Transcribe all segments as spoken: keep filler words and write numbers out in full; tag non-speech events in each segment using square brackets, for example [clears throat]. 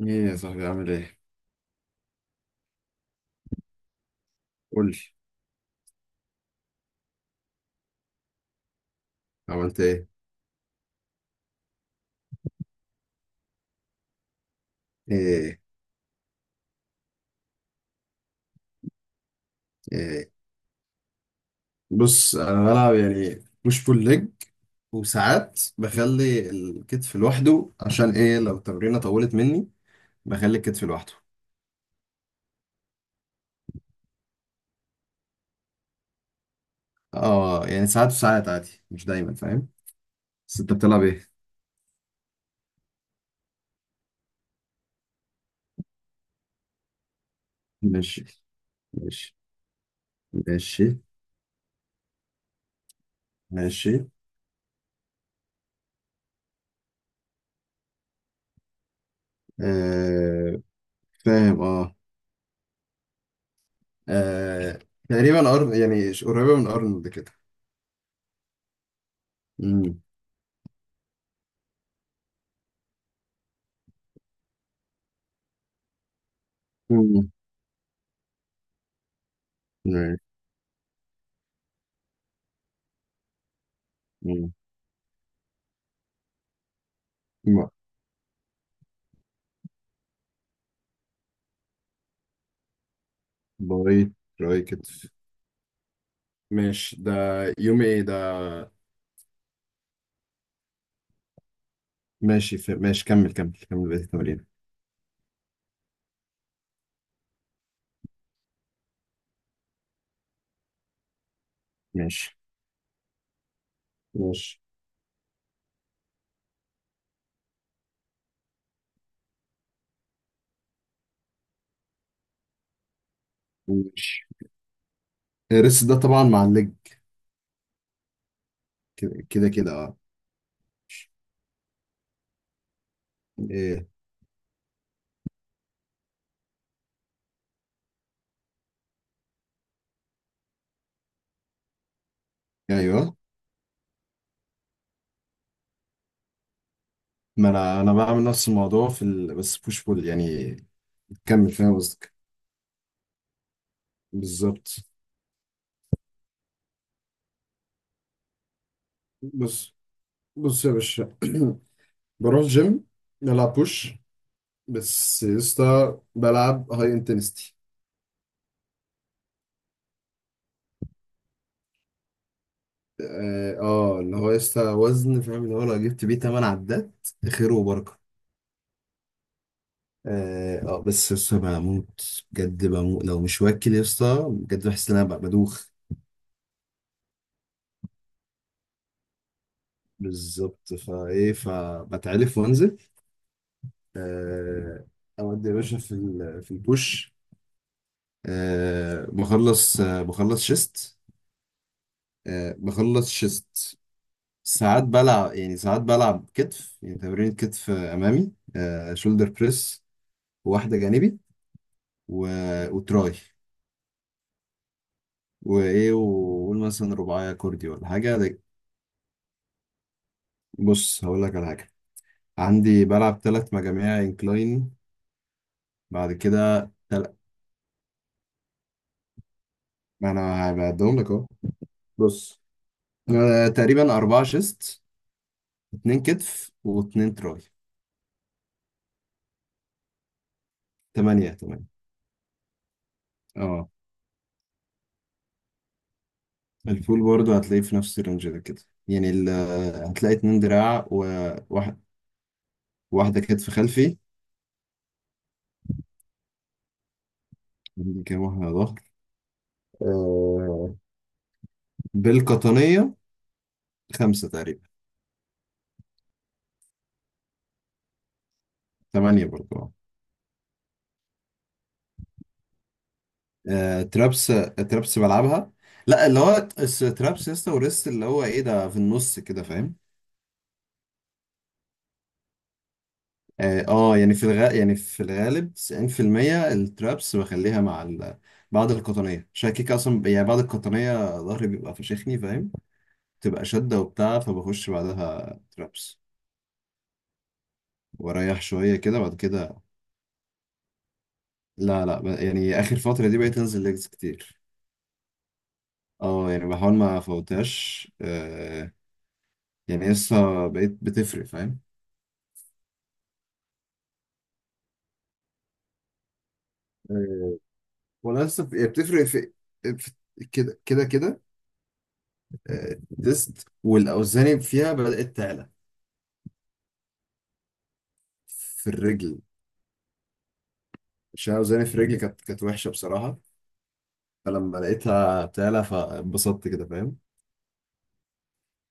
ايه يا صاحبي، عامل ايه؟ قول لي، عملت ايه؟ ايه ايه. بص، انا بلعب يعني بوش بول ليج، وساعات بخلي الكتف لوحده عشان ايه، لو التمرينه طولت مني بخلي الكتف لوحده. اه يعني ساعات وساعات عادي، مش دايما، فاهم؟ بس انت بتلعب ايه؟ ماشي ماشي ماشي ماشي. آه فاهم اه. آه تقريبا أرن، يعني قريبه من ارنولد كده. امم امم باي راي كتف. ماشي، ده يوم ايه ده؟ ماشي، في... ماشي كمل كمل كمل بقية التمارين. ماشي ماشي ماشي، الريست ده طبعا مع الليج، كده كده كده، اه. ايه. ايوه، ما انا انا بعمل نفس الموضوع في ال... بس بوش بول يعني. كمل فاهم قصدك، بالظبط. بص بص يا باشا، [clears throat] بروح جيم بلعب بوش، بس يسطا بلعب هاي انتنستي. اه آه، اللي هو يسطا وزن، فاهم؟ اللي هو لو جبت بيه تمن عدات، خير وبركة. اه آه، بس يسطا بموت بجد، بموت لو مش واكل يسطا، بجد بحس ان انا ب- بدوخ. بالظبط، فايه فبتعلف وانزل. آه اودي يا باشا في ال- في البوش. آه بخلص، آه بخلص شيست، آه بخلص شيست ساعات بلعب يعني، ساعات بلعب كتف يعني، تمرين كتف آه، امامي آه، شولدر بريس، واحدة جانبي، و... وتراي. وايه وقول مثلا رباعية كردي ولا حاجة ده- بص، هقول لك على حاجة. عندي بلعب ثلاث مجاميع انكلاين، بعد كده تل... ما انا هبعدهم لك اهو. بص آه، تقريبا أربعة شيست، اتنين كتف واتنين تراي. تمانية تمانية اه. الفول برضه هتلاقيه في نفس الرينج ده كده، يعني ال... هتلاقي اتنين دراع وواحد، واحدة كتف خلفي. عندي كام واحدة ظهر آه، بالقطنية؟ خمسة تقريبا. تمانية برضه. آه، ترابس، ترابس بلعبها. لا، اللي هو الس- ترابس يسطا، وريست اللي هو ايه ده في النص كده، فاهم؟ اه آه، يعني في الغ... يعني في الغالب تسعين في المية الترابس بخليها مع ال... بعد القطنية عشان كيك اصلا، ب- يعني بعد القطنية ظهري بيبقى فشخني فاهم. تبقى شدة وبتاع فبخش بعدها ترابس، واريح شوية كده بعد كده. لا لا، ب- يعني اخر فترة دي بقيت انزل ليجز كتير. اه يعني بحاول ما افوتهاش آه، يعني لسه بقيت بتفرق فاهم. ولا لسه بت- بتفرق في في- كده كده كده. آه، تيست والاوزان فيها بدات تعلى. في الرجل، عشان اوزاني في الرجل كانت كانت وحشه بصراحه، فلما لقيتها تعلى فانبسطت كده فاهم.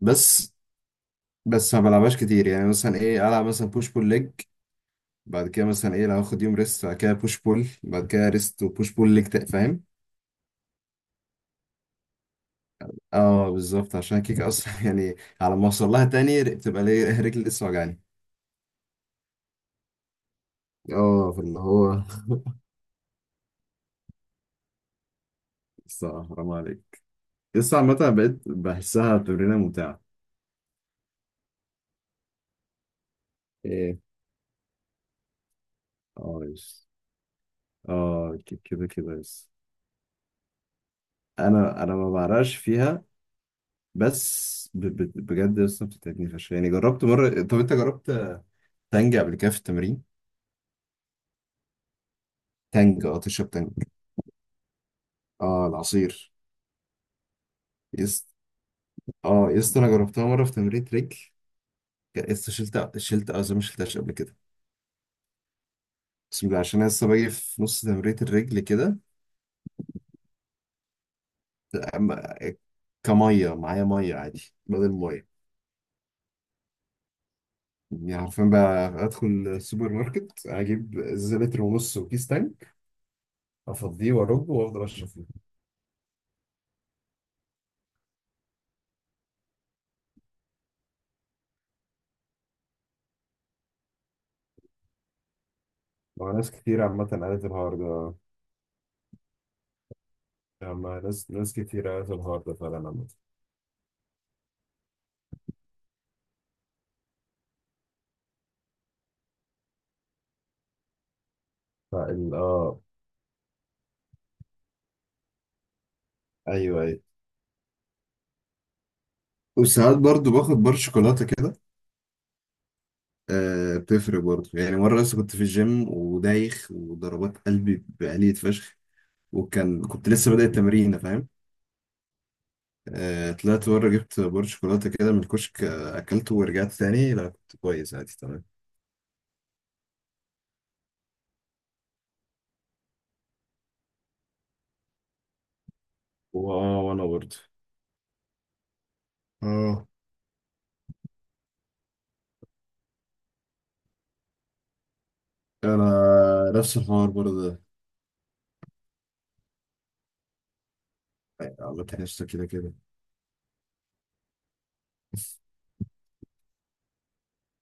بس. بس ما بلعبهاش كتير، يعني مثلا ايه، العب مثلا بوش بول ليج، بعد كده مثلا ايه لو هاخد يوم ريست، بعد كده بوش بول، بعد كده ريست وبوش بول ليج تا- فاهم. اه بالظبط، عشان كيك اصلا [laughs] يعني على ما اوصل لها تاني بتبقى ليه رجلي لسه وجعاني. اه فاللي هو [laughs] الصراحة حرام عليك، لسه عامة أنا بقيت بحسها تمرينة ممتعة. ايه. اه يس. اه ك- كده كده يس. انا انا ما بعرقش فيها، بس ب- ب- بجد لسه بتتعبني فشخ. يعني جربت مرة، طب انت جربت تانج قبل كده في التمرين؟ تانج اه، تشرب تانج. اه العصير. يس. اه يس، انا جربتها مرة في تمرين رجل، ك- يس شلت، شلت اه زي ما شلتهاش قبل كده. بسم الله، عشان أنا لسه باجي في نص تمرين الرجل كده. أما- كمية معايا مية، عادي، بدل مية يعني. عارفين بقى، ادخل السوبر ماركت اجيب ازازه لتر ونص وكيس تانك، افضيه وارج وافضل اشرب فيه. مع ناس كتير عامه قالت الحوار ده، يعني مع ناس ناس كتير قالت الحوار ده فعلا، عامه. فال اه. ايوه ايوه. وساعات برضو باخد بار شوكولاته كده. آه بتفرق برضو، يعني مره لسه كنت في الجيم ودايخ وضربات قلبي بقلية فشخ، وكان كنت لسه بادئ التمرين فاهم. آه طلعت بره جبت بار شوكولاته كده من الكشك آه، اكلته ورجعت تاني، لا كنت كويس عادي تمام. واه وانا برضه. اه انا نفس الحوار برضه. عامة قشطة كده كده.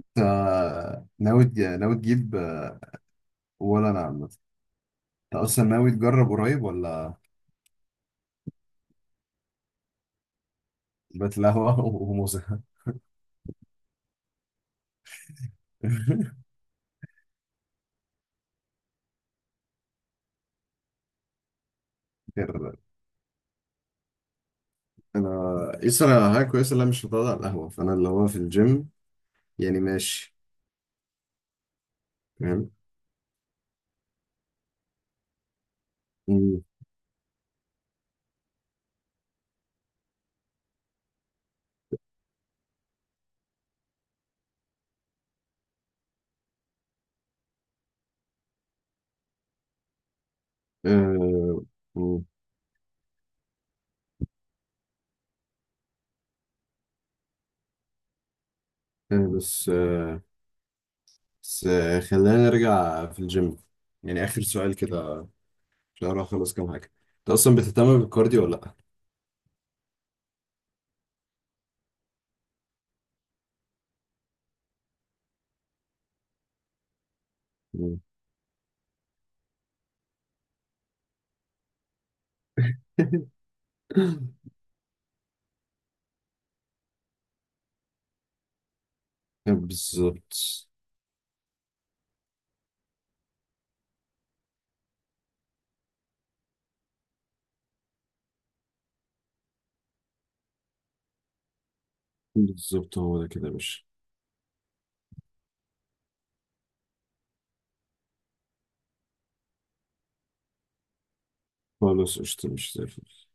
انت ناوي تج- ناوي تجيب آه؟ ولا انا عامة. انت اصلا ناوي تجرب قريب ولا؟ بقت القهوة [laughs] وموزة. غير انا، يسرا انا حاجة كويسة اللي انا مش بتقعد على القهوة، فانا اللي هو في الجيم يعني ماشي. فاهم. مم. آه، مم. آه، بس آه، بس آه، خلينا نرجع في الجيم. يعني اخر سؤال كده. لا لا خلاص، كام حاجة. انت اصلا بتهتم بالكارديو ولا لا؟ مم. [laughs] بالظبط. بالظبط، هو ده كده يا باشا. خلاص قشطة، مش زي الفل.